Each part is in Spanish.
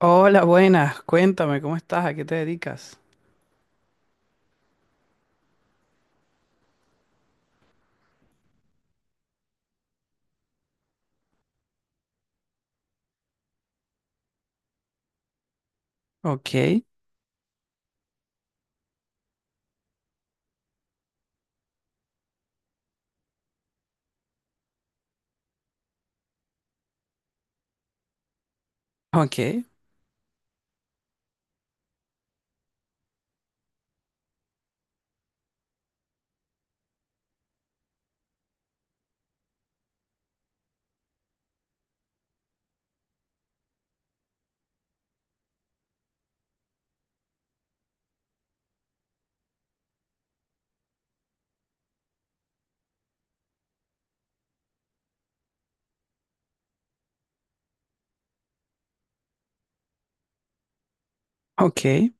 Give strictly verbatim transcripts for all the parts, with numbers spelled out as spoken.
Hola, buenas. Cuéntame, ¿cómo estás? ¿A qué te dedicas? Ok, ok, ok.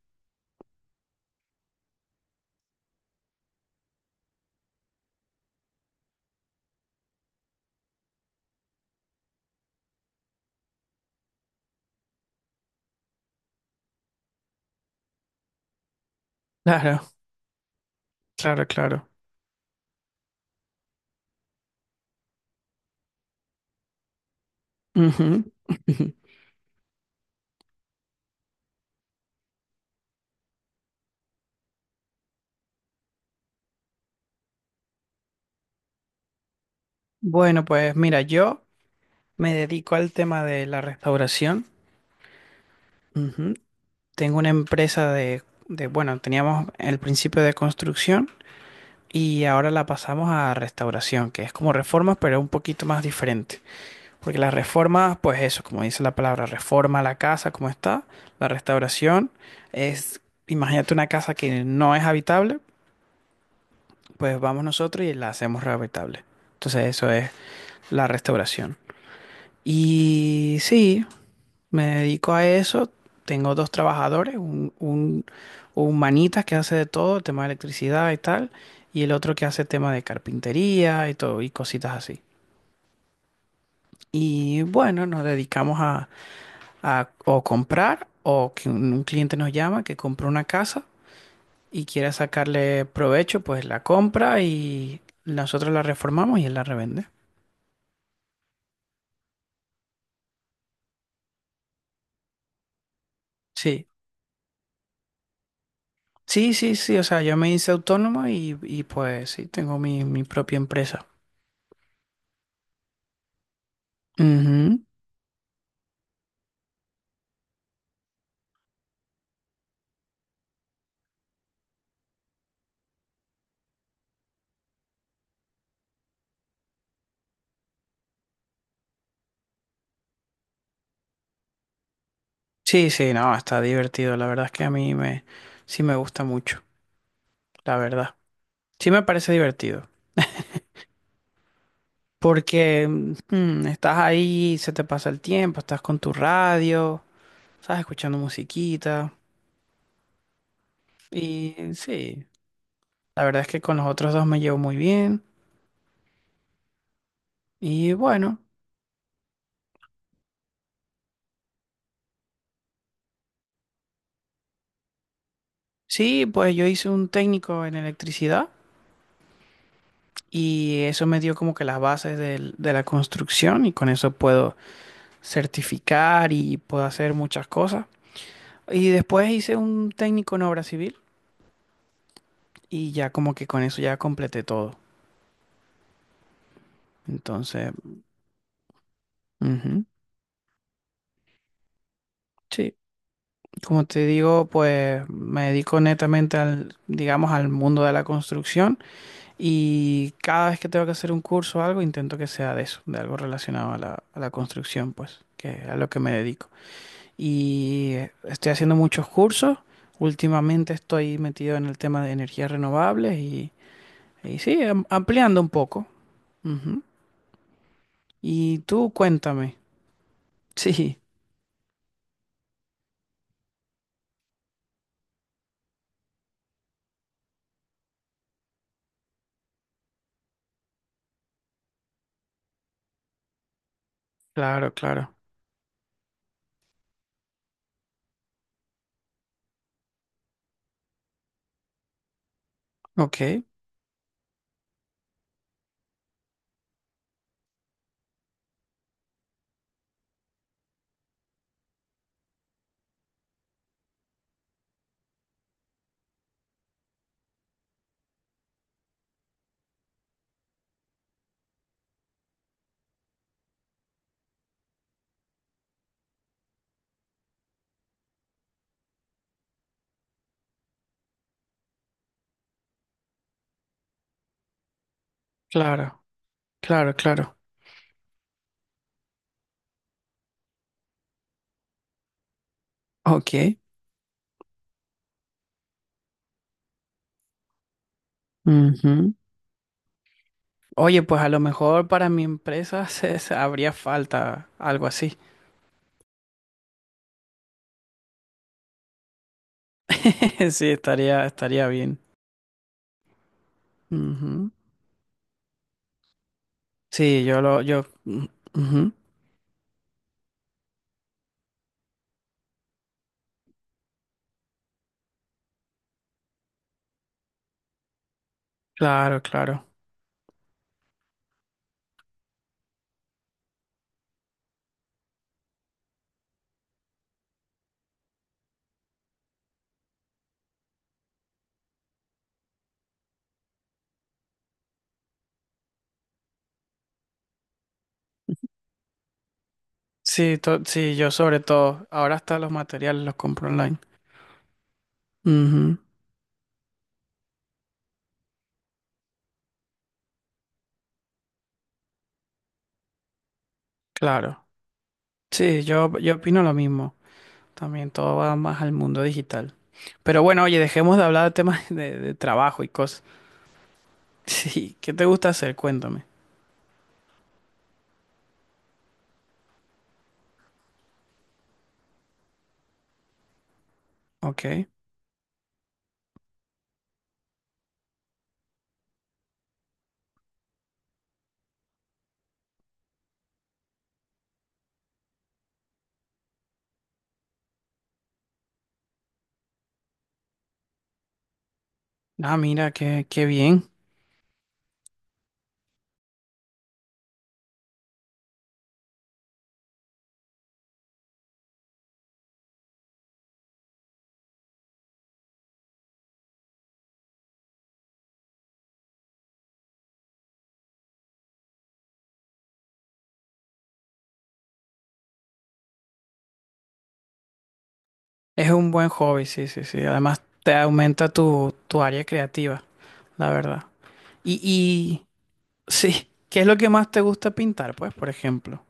Claro, claro, claro. Ujú, ujú. Bueno, pues mira, yo me dedico al tema de la restauración. Ujú. Tengo una empresa de, de, bueno, teníamos el principio de construcción y ahora la pasamos a restauración, que es como reformas, pero un poquito más diferente. Porque la reforma, pues eso, como dice la palabra, reforma la casa como está. La restauración es, imagínate una casa que no es habitable, pues vamos nosotros y la hacemos habitable. Entonces eso es la restauración. Y sí, me dedico a eso. Tengo dos trabajadores, un, un, un manita que hace de todo, tema de electricidad y tal, y el otro que hace tema de carpintería y todo, y cositas así. Y bueno, nos dedicamos a, a o comprar o que un, un cliente nos llama que compró una casa y quiera sacarle provecho, pues la compra y nosotros la reformamos y él la revende. Sí, sí, sí, sí, o sea, yo me hice autónomo y, y pues sí, tengo mi, mi propia empresa. Ujú. Sí, sí, no, está divertido, la verdad es que a mí me, sí me gusta mucho, la verdad. Sí me parece divertido. Porque mm, estás ahí, se te pasa el tiempo, estás con tu radio, estás escuchando musiquita. Y sí, la verdad es que con los otros dos me llevo muy bien. Y bueno, sí, pues yo hice un técnico en electricidad y eso me dio como que las bases del- de la construcción y con eso puedo certificar y puedo hacer muchas cosas. Y después hice un técnico en obra civil y ya como que con eso ya completé todo. Entonces, ujú, sí, como te digo, pues me dedico netamente al, digamos, al mundo de la construcción. Y cada vez que tengo que hacer un curso o algo, intento que sea de eso, de algo relacionado a la, a la construcción, pues, que es a lo que me dedico. Y eh, estoy haciendo muchos cursos. Últimamente estoy metido en el tema de energías renovables y, y sí, am- ampliando un poco. Ujú. Y tú cuéntame. Sí, claro, claro. Ok, claro, claro, claro. Ok. Ujú. Oye, pues a lo mejor para mi empresa se, se- habría falta algo así. Sí, estaría, estaría bien. Ujú. Sí, yo lo, yo, mm, ujú. Claro, claro. Sí, to- sí, yo sobre todo. Ahora hasta los materiales los compro online. Ujú. Claro. Sí, yo, yo opino lo mismo. También todo va más al mundo digital. Pero bueno, oye, dejemos de hablar de temas de, de trabajo y cosas. Sí, ¿qué te gusta hacer? Cuéntame. Ok. Ah, mira, qué, qué bien. Es un buen hobby, sí, sí, sí. Además, te aumenta tu, tu área creativa, la verdad. Y, sí, ¿qué es lo que más te gusta pintar? Pues, por ejemplo,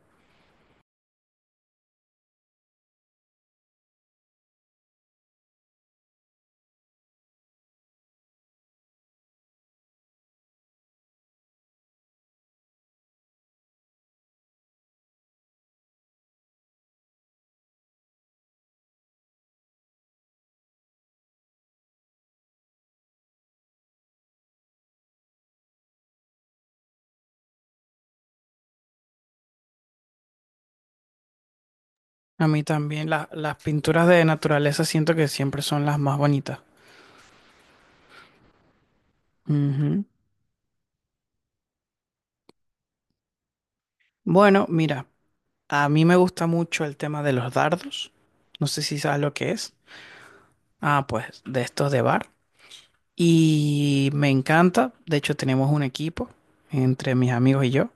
a mí también la- las pinturas de naturaleza siento que siempre son las más bonitas. Ujú. Bueno, mira, a mí me gusta mucho el tema de los dardos. No sé si sabes lo que es. Ah, pues de estos de bar. Y me encanta. De hecho, tenemos un equipo entre mis amigos y yo.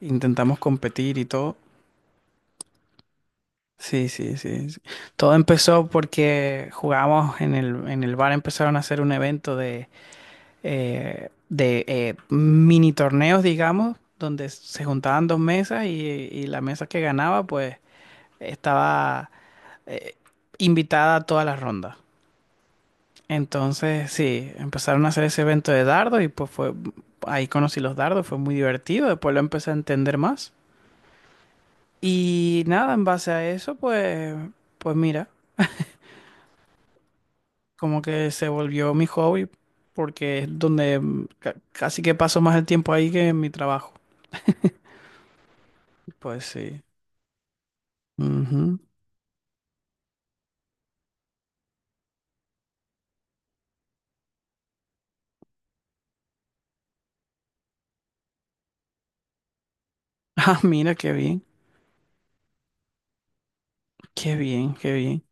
Intentamos competir y todo. Sí, sí, sí, sí. Todo empezó porque jugábamos en el, en el bar, empezaron a hacer un evento de eh, de eh, mini torneos, digamos, donde se juntaban dos mesas y, y la mesa que ganaba, pues estaba eh, invitada a todas las rondas. Entonces, sí, empezaron a hacer ese evento de dardos y pues fue, ahí conocí los dardos, fue muy divertido, después lo empecé a entender más. Y nada, en base a eso, pues, pues mira, como que se volvió mi hobby, porque es donde mm, ca- casi que paso más el tiempo ahí que en mi trabajo. Pues sí. Ujú. Ah, mira, qué bien, qué bien, qué bien.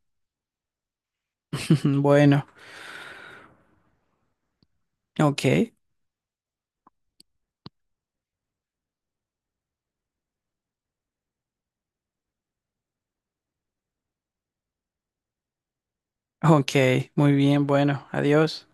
Bueno, ok, ok, muy bien, bueno, adiós.